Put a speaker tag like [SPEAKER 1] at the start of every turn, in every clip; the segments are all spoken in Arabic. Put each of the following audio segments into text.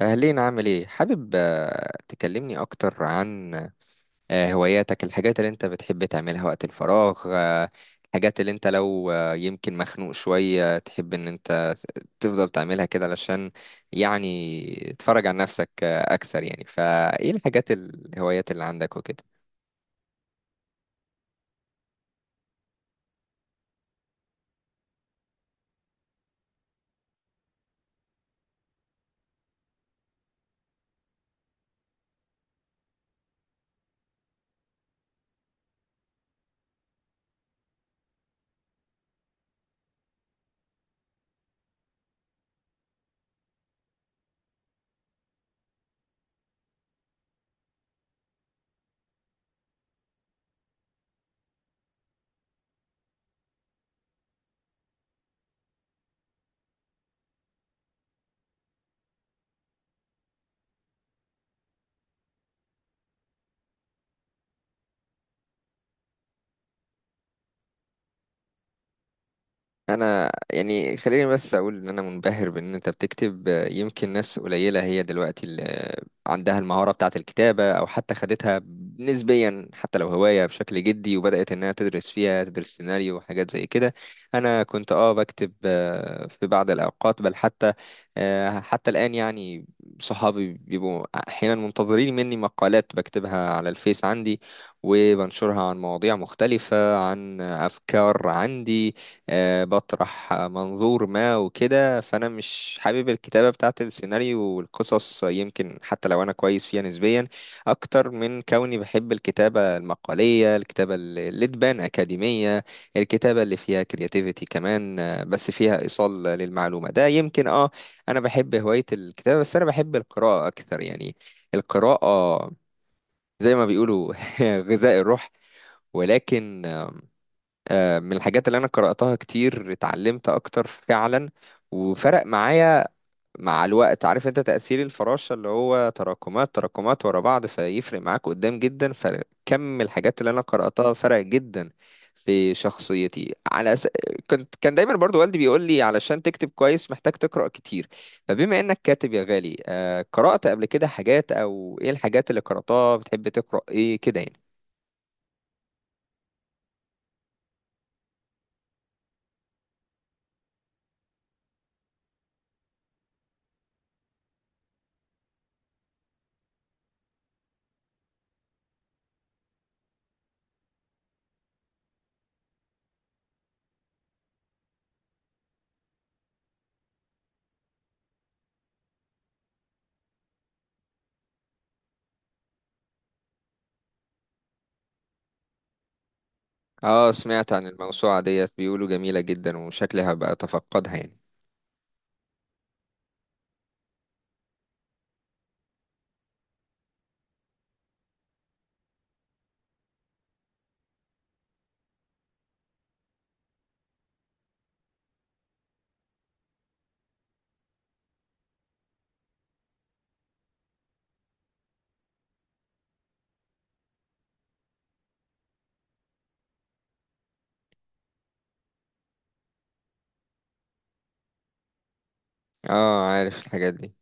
[SPEAKER 1] أهلين، عامل إيه؟ حابب تكلمني أكتر عن هواياتك، الحاجات اللي أنت بتحب تعملها وقت الفراغ، الحاجات اللي أنت لو يمكن مخنوق شوية تحب إن أنت تفضل تعملها كده، علشان يعني تتفرج عن نفسك أكثر. يعني فإيه الحاجات، الهوايات اللي عندك وكده؟ انا يعني خليني بس اقول ان انا منبهر بان انت بتكتب. يمكن ناس قليله هي دلوقتي اللي عندها المهاره بتاعه الكتابه، او حتى خدتها نسبيا حتى لو هوايه بشكل جدي، وبدات انها تدرس فيها، تدرس سيناريو وحاجات زي كده. انا كنت بكتب في بعض الاوقات، بل حتى حتى الان يعني. صحابي بيبقوا احيانا منتظرين مني مقالات بكتبها على الفيس عندي وبنشرها، عن مواضيع مختلفه، عن افكار عندي، بطرح منظور ما وكده. فانا مش حابب الكتابه بتاعه السيناريو والقصص، يمكن حتى لو انا كويس فيها نسبيا، اكتر من كوني بحب الكتابه المقاليه، الكتابه اللي تبان اكاديميه، الكتابه اللي فيها كرياتيفيتي كمان، بس فيها ايصال للمعلومه. ده يمكن انا بحب هوايه الكتابه، بس انا بحب القراءه اكتر يعني. القراءه زي ما بيقولوا غذاء الروح. ولكن من الحاجات اللي انا قرأتها كتير اتعلمت اكتر فعلا، وفرق معايا مع الوقت. عارف انت تأثير الفراشة اللي هو تراكمات تراكمات ورا بعض، فيفرق معاك قدام جدا. فكم الحاجات اللي انا قرأتها فرق جدا في شخصيتي، على أس... كان دايما برضو والدي بيقول لي علشان تكتب كويس محتاج تقرأ كتير. فبما انك كاتب يا غالي، قرأت قبل كده حاجات، او ايه الحاجات اللي قرأتها، بتحب تقرأ ايه كده يعني؟ اه، سمعت عن الموسوعة ديت، بيقولوا جميلة جدا، وشكلي هبقى اتفقدها يعني. اه عارف الحاجات دي.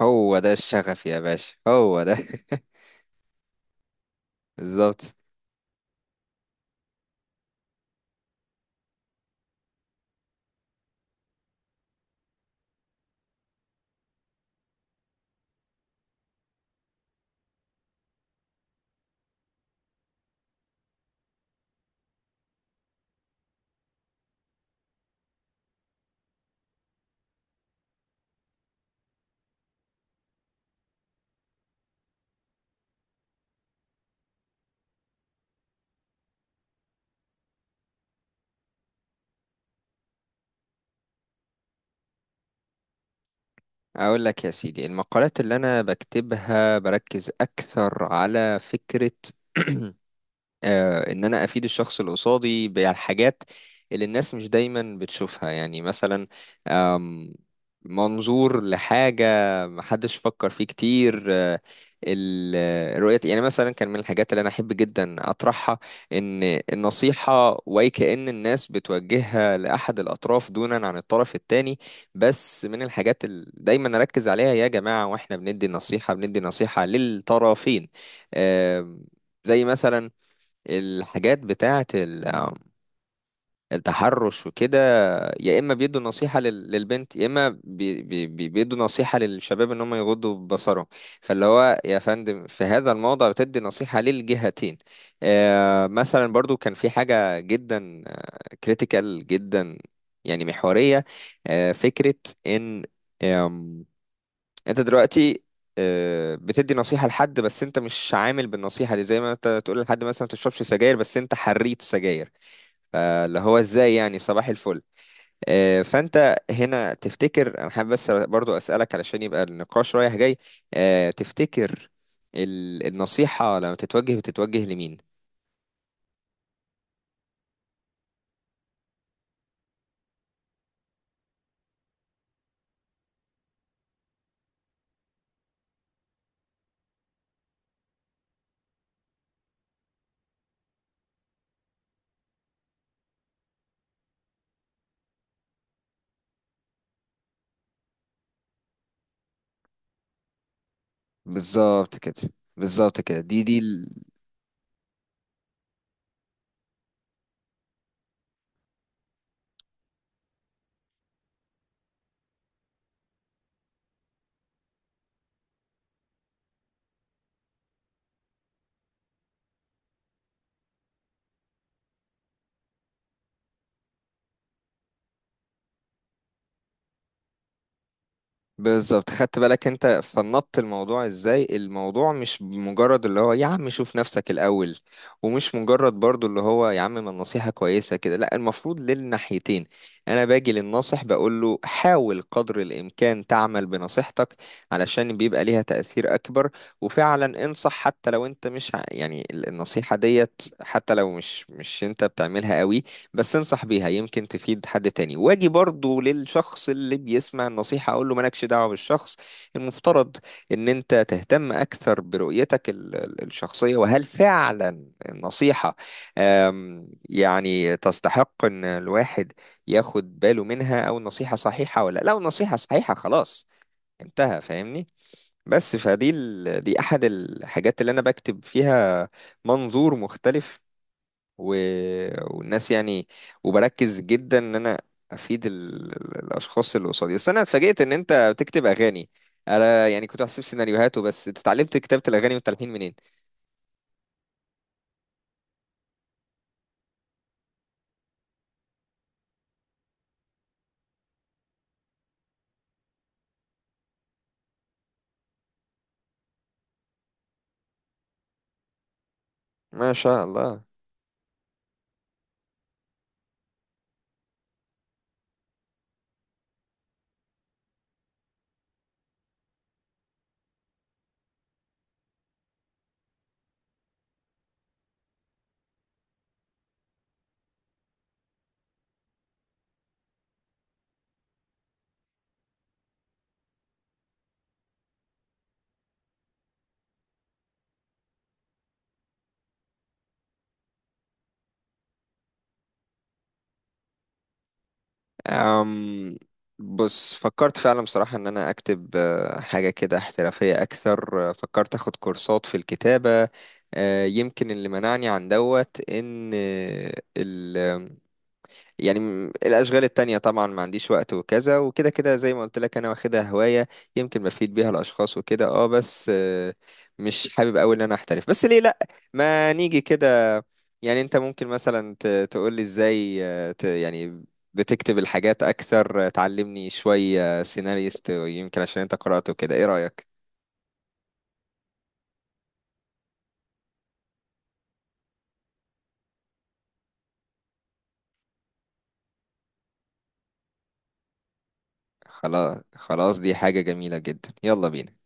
[SPEAKER 1] هو ده الشغف يا باشا، هو ده بالظبط. اقول لك يا سيدي، المقالات اللي انا بكتبها بركز اكثر على فكرة آه ان انا افيد الشخص اللي قصادي بالحاجات اللي الناس مش دايما بتشوفها. يعني مثلا أم، منظور لحاجة محدش فكر فيه كتير، رؤية. يعني مثلا كان من الحاجات اللي أنا أحب جدا أطرحها إن النصيحة، وأي كأن الناس بتوجهها لأحد الأطراف دونا عن الطرف التاني. بس من الحاجات اللي دايما أركز عليها، يا جماعة وإحنا بندي النصيحة بندي نصيحة للطرفين. آم، زي مثلا الحاجات بتاعة التحرش وكده، يا اما بيدوا نصيحه للبنت، يا اما بيدوا نصيحه للشباب ان هم يغضوا بصرهم. فاللي هو يا فندم، في هذا الموضع بتدي نصيحه للجهتين. مثلا برضو كان في حاجه جدا كريتيكال جدا، يعني محوريه. فكره ان آم، انت دلوقتي بتدي نصيحة لحد، بس انت مش عامل بالنصيحة دي. زي ما انت تقول لحد مثلا ما تشربش سجاير، بس انت حريت سجاير. فاللي هو ازاي؟ يعني صباح الفل. فانت هنا تفتكر، انا حابب بس برضو اسالك علشان يبقى النقاش رايح جاي، تفتكر النصيحه لما تتوجه بتتوجه لمين؟ بالظبط كده. بالظبط كده، دي. بالظبط، خدت بالك انت فنطت الموضوع ازاي؟ الموضوع مش مجرد اللي هو يا عم شوف نفسك الاول، ومش مجرد برضو اللي هو يا عم ما النصيحة كويسة كده. لا، المفروض للناحيتين. انا باجي للناصح بقول له حاول قدر الامكان تعمل بنصيحتك، علشان بيبقى ليها تأثير اكبر. وفعلا انصح حتى لو انت مش يعني النصيحة ديت حتى لو مش انت بتعملها قوي، بس انصح بيها يمكن تفيد حد تاني. واجي برضو للشخص اللي بيسمع النصيحة، اقول له مالكش دعوة بالشخص. المفترض ان انت تهتم اكثر برؤيتك الشخصية، وهل فعلا النصيحة يعني تستحق ان الواحد ياخد باله منها، او النصيحة صحيحة ولا. لو النصيحة صحيحة، خلاص انتهى، فاهمني؟ بس فدي دي احد الحاجات اللي انا بكتب فيها، منظور مختلف و... والناس يعني. وبركز جدا ان انا افيد الاشخاص اللي قصادي. بس انا اتفاجئت ان انت بتكتب اغاني، انا يعني كنت بحسب سيناريوهات وبس. انت اتعلمت كتابة الاغاني والتلحين منين؟ ما شاء الله. أم... بص، فكرت فعلا بصراحة ان انا اكتب حاجة كده احترافية اكثر. فكرت اخد كورسات في الكتابة، يمكن اللي منعني عن دوت ان يعني الأشغال التانية طبعا، ما عنديش وقت وكذا وكده كده. زي ما قلت لك، أنا واخدها هواية يمكن بفيد بيها الأشخاص وكده. اه بس آه، مش حابب أوي إن أنا أحترف، بس ليه لأ؟ ما نيجي كده. يعني أنت ممكن مثلا تقول لي إزاي يعني بتكتب الحاجات أكثر، تعلمني شوية سيناريست، يمكن عشان أنت قرأته كده. إيه رأيك؟ خلاص خلاص، دي حاجة جميلة جدا، يلا بينا.